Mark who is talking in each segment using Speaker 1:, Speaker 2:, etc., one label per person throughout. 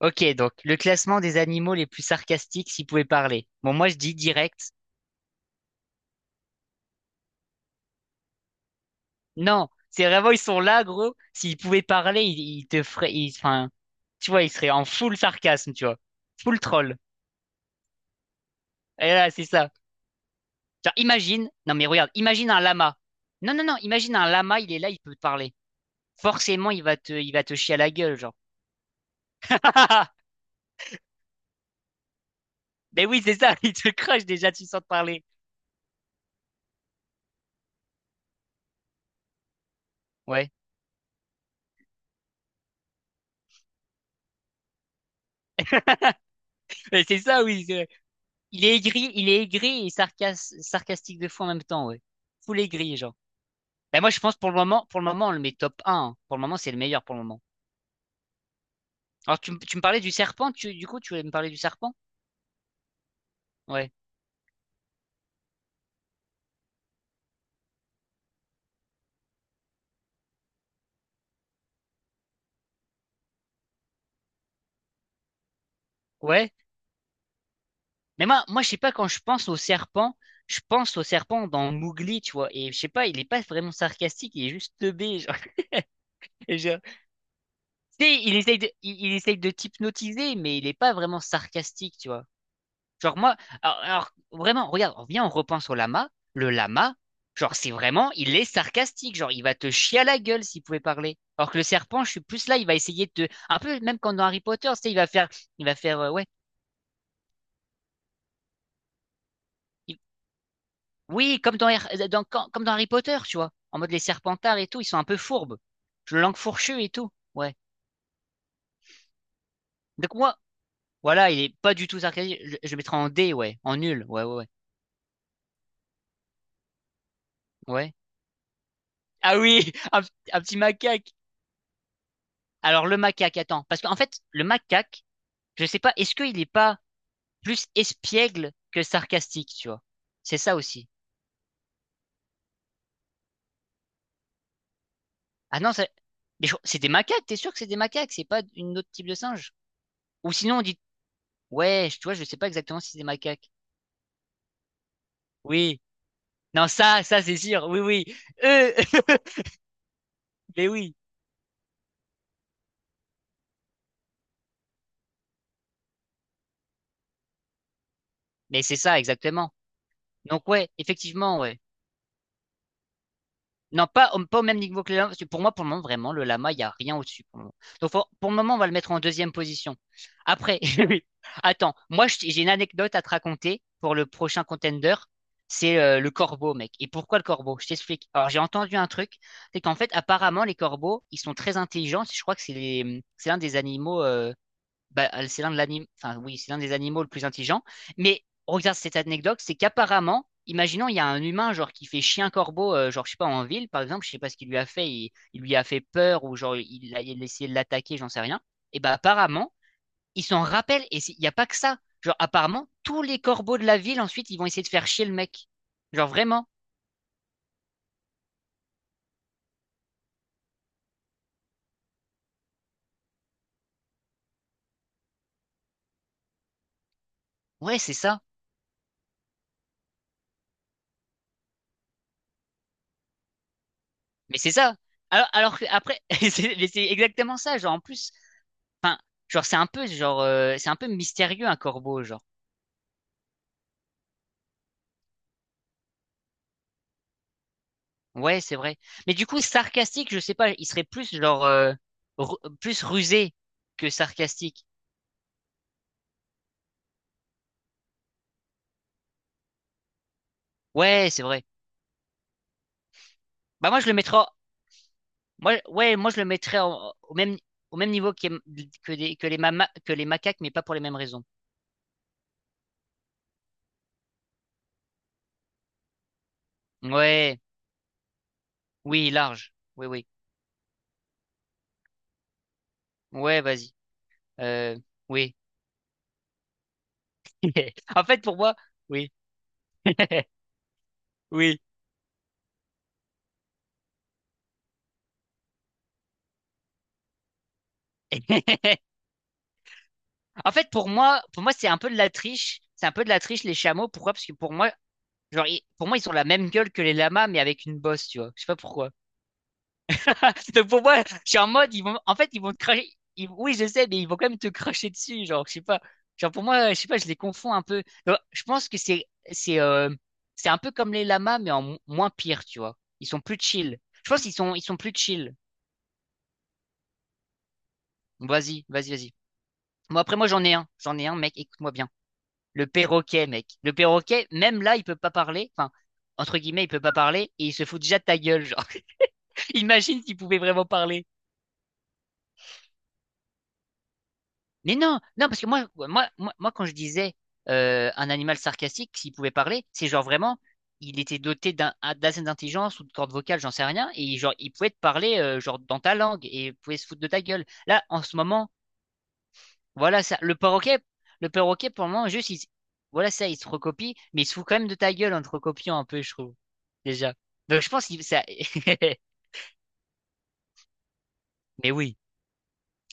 Speaker 1: Ok, donc le classement des animaux les plus sarcastiques s'ils pouvaient parler. Bon, moi je dis direct. Non, c'est vraiment ils sont là, gros. S'ils pouvaient parler, ils te feraient, ils- enfin, tu vois, ils seraient en full sarcasme, tu vois, full troll. Et là, c'est ça. Genre, imagine, non mais regarde, imagine un lama. Non, non, non, imagine un lama, il est là, il peut te parler. Forcément, il va te chier à la gueule, genre. Mais oui, c'est ça, il te crache déjà, tu sens te parler. Ouais. Mais c'est ça, oui. Il est aigri et sarcas- sarcastique de fou en même temps, ouais. Full aigri, genre. Bah moi, je pense pour le moment, on le met top 1. Hein. Pour le moment, c'est le meilleur pour le moment. Alors, tu, m- tu me parlais du serpent, tu, du coup, tu voulais me parler du serpent? Ouais. Ouais. Mais moi, je sais pas, quand je pense au serpent, je pense au serpent dans Mowgli, tu vois. Et je sais pas, il est pas vraiment sarcastique, il est juste teubé, genre. Et genre, tu sais, il essaye de, il essaye de t'hypnotiser, mais il est pas vraiment sarcastique, tu vois. Genre moi, alors, vraiment, regarde, on vient, on repense au lama. Le lama, genre c'est vraiment, il est sarcastique, genre il va te chier à la gueule s'il pouvait parler. Alors que le serpent, je suis plus là, il va essayer de te, un peu même comme dans Harry Potter, tu sais, il va faire, ouais, il- oui, comme dans, Har- dans- quand- comme dans Harry Potter, tu vois, en mode les serpentards et tout, ils sont un peu fourbes, le langue fourchue et tout, ouais. Donc moi, voilà, il est pas du tout sarcastique. Je le mettrais en D, ouais, en nul, ouais, ouais, ouais. Ouais. Ah oui, un petit macaque. Alors le macaque, attends, parce qu'en fait, le macaque, je sais pas, est-ce qu'il est pas plus espiègle que sarcastique, tu vois? C'est ça aussi. Ah non, ça- mais je- c'est des macaques, t'es sûr que c'est des macaques, c'est pas une autre type de singe? Ou sinon on dit, ouais, je- tu vois, je sais pas exactement si c'est des macaques. Oui, non, ça c'est sûr, oui, oui, eux, mais oui, mais c'est ça exactement. Donc ouais, effectivement, ouais. Non, pas, au- pas au même niveau que le lama, parce que pour moi, pour le moment, vraiment, le lama, il n'y a rien au-dessus. Pour le moment. Donc, faut- pour le moment, on va le mettre en deuxième position. Après, attends, moi, je t- j'ai une anecdote à te raconter pour le prochain contender. C'est le corbeau, mec. Et pourquoi le corbeau? Je t'explique. Alors, j'ai entendu un truc, c'est qu'en fait, apparemment, les corbeaux, ils sont très intelligents. Je crois que c'est les- c'est l'un des animaux bah, c'est l'un de l'anim- enfin, oui, c'est l'un des animaux le plus intelligent. Mais regarde cette anecdote, c'est qu'apparemment, imaginons, il y a un humain genre qui fait chien corbeau, genre je sais pas en ville par exemple, je sais pas ce qu'il lui a fait, il lui a fait peur ou genre il a essayé de l'attaquer, j'en sais rien. Et bah apparemment, il s'en rappelle et c'est- il n'y a pas que ça. Genre apparemment, tous les corbeaux de la ville ensuite, ils vont essayer de faire chier le mec. Genre vraiment. Ouais, c'est ça. Mais c'est ça. Alors que après, c'est mais c'est exactement ça. Genre en plus, genre c'est un peu genre c'est un peu mystérieux un corbeau, genre. Ouais, c'est vrai. Mais du coup, sarcastique, je sais pas, il serait plus genre ru- plus rusé que sarcastique. Ouais, c'est vrai. Bah moi je le mettrais en- moi ouais, moi je le mettrais en- au même niveau que des- que les mama- que les macaques mais pas pour les mêmes raisons. Ouais, oui, large. Oui, oui. Ouais, vas-y. Euh oui. En fait pour moi, oui. Oui. En fait, pour moi, c'est un peu de la triche. C'est un peu de la triche, les chameaux. Pourquoi? Parce que pour moi, genre, ils- pour moi, ils ont la même gueule que les lamas, mais avec une bosse, tu vois. Je sais pas pourquoi. Donc pour moi, je suis en mode, ils vont, en fait, ils vont te cracher. Ils- oui, je sais, mais ils vont quand même te cracher dessus. Genre, je sais pas. Genre pour moi, je sais pas, je les confonds un peu. Donc, je pense que c'est, euh, c'est un peu comme les lamas, mais en mo- moins pire, tu vois. Ils sont plus chill. Je pense qu'ils sont, ils sont plus chill. Vas-y, vas-y, vas-y. Moi, après, moi, j'en ai un. J'en ai un, mec. Écoute-moi bien. Le perroquet, mec. Le perroquet, même là, il peut pas parler. Enfin, entre guillemets, il peut pas parler et il se fout déjà de ta gueule, genre. Imagine s'il pouvait vraiment parler. Mais non, non, parce que moi, quand je disais un animal sarcastique, s'il pouvait parler, c'est genre vraiment, il était doté d'un d'assez d'intelligence ou de cordes vocales, j'en sais rien, et genre il pouvait te parler genre dans ta langue et il pouvait se foutre de ta gueule. Là, en ce moment, voilà ça, le perroquet pour le moment juste, il, voilà ça, il se recopie, mais il se fout quand même de ta gueule en te recopiant un peu, je trouve déjà. Donc je pense que ça, mais oui.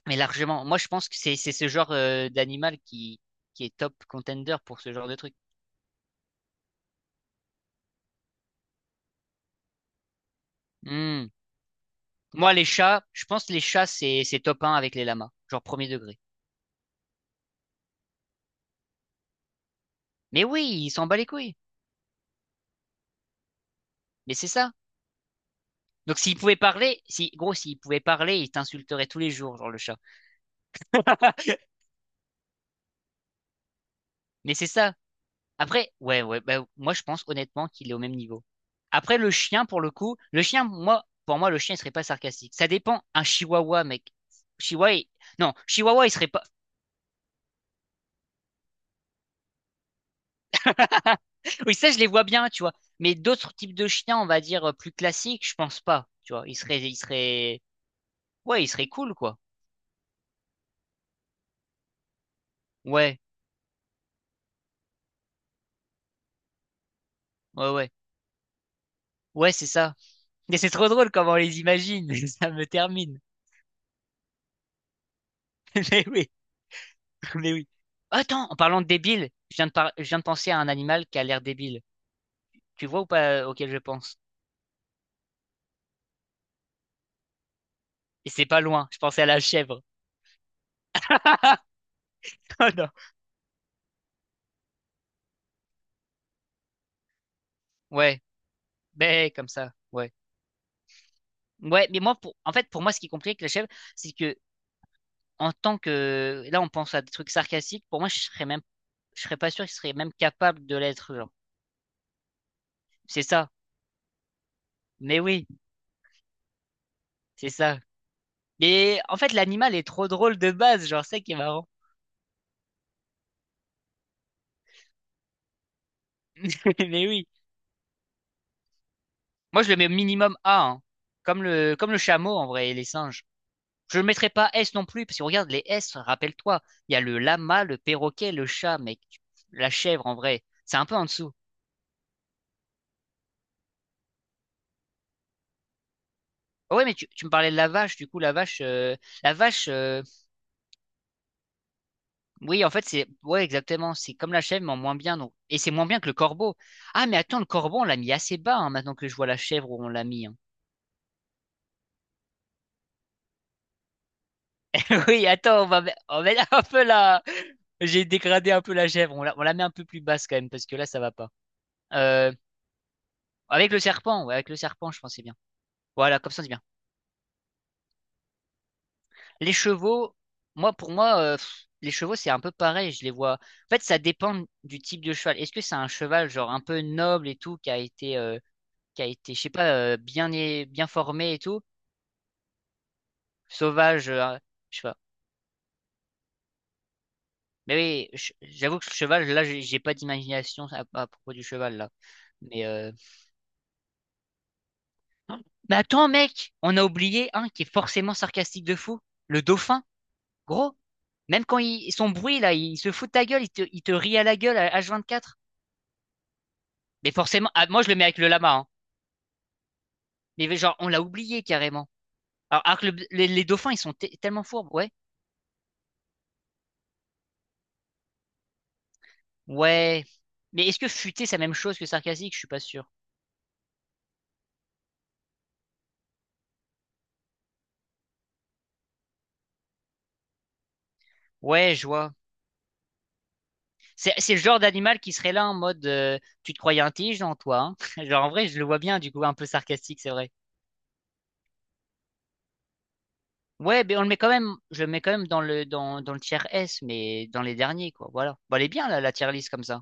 Speaker 1: Mais largement, moi je pense que c'est ce genre d'animal qui est top contender pour ce genre de truc. Hmm. Moi les chats, je pense que les chats c'est top 1 avec les lamas, genre premier degré. Mais oui, ils s'en bat les couilles. Mais c'est ça. Donc s'ils pouvaient parler, si gros s'ils pouvaient parler, ils t'insulteraient tous les jours, genre le chat. Mais c'est ça. Après, ouais, ouais, bah, moi je pense honnêtement qu'il est au même niveau. Après le chien pour le coup, le chien, moi, pour moi le chien il serait pas sarcastique. Ça dépend. Un chihuahua, mec. Chihuahua, il- non, chihuahua il serait pas. Oui, ça, je les vois bien, tu vois. Mais d'autres types de chiens, on va dire, plus classiques, je pense pas. Tu vois, ils seraient, ouais, ils seraient cool, quoi. Ouais, ouais, ouais. Ouais, c'est ça. Mais c'est trop drôle comment on les imagine. Ça me termine. Mais oui, mais oui. Attends, en parlant de débile, je viens de, par- je viens de penser à un animal qui a l'air débile. Tu vois ou pas auquel je pense? Et c'est pas loin, je pensais à la chèvre. Oh non. Ouais, ben, comme ça, ouais. Ouais, mais moi, pour... en fait, pour moi, ce qui est compliqué avec la chèvre, c'est que en tant que là on pense à des trucs sarcastiques pour moi je serais même je serais pas sûr qu'il serait même capable de l'être genre c'est ça mais oui c'est ça mais en fait l'animal est trop drôle de base genre c'est ça qui est marrant. Mais oui, moi je le mets au minimum A hein. Comme le comme le chameau en vrai et les singes je le mettrais pas S non plus parce que regarde les S rappelle-toi il y a le lama le perroquet le chat mec. Tu- la chèvre en vrai c'est un peu en dessous. Ah ouais mais tu me parlais de la vache du coup la vache oui, en fait, c'est ouais, exactement. C'est comme la chèvre, mais en moins bien. Donc... Et c'est moins bien que le corbeau. Ah, mais attends, le corbeau, on l'a mis assez bas hein, maintenant que je vois la chèvre où on l'a mis. Hein. Oui, attends, on va, me- on va mettre un peu la. J'ai dégradé un peu la chèvre. On la met un peu plus basse quand même, parce que là, ça va pas. Euh, Avec le serpent, ouais, avec le serpent, je pense que c'est bien. Voilà, comme ça, c'est bien. Les chevaux, moi, pour moi, pff, les chevaux, c'est un peu pareil. Je les vois. En fait, ça dépend du type de cheval. Est-ce que c'est un cheval, genre, un peu noble et tout, qui a été. Qui a été, je sais pas, bien, é- bien formé et tout, sauvage, je sais pas. Mais oui, je- j'avoue que le cheval, là, j'ai pas d'imagination à propos du cheval, là. Mais, euh... mais attends, mec, on a oublié un qui est forcément sarcastique de fou, le dauphin, gros. Même quand il, son bruit, là, il se fout de ta gueule, il te rit à la gueule à h 24. Mais forcément, ah, moi, je le mets avec le lama, hein. Mais genre, on l'a oublié carrément. Alors que le- les dauphins, ils sont te- tellement fourbes, ouais. Ouais. Mais est-ce que futé, c'est la même chose que sarcastique? Je suis pas sûr. Ouais, je vois. C'est le genre d'animal qui serait là en mode tu te croyais intelligent, toi, hein? Genre en vrai, je le vois bien, du coup, un peu sarcastique, c'est vrai. Ouais, mais on le met quand même, je le mets quand même dans le dans, dans le tier S, mais dans les derniers, quoi. Voilà. Bon, elle est bien là, la tier list comme ça.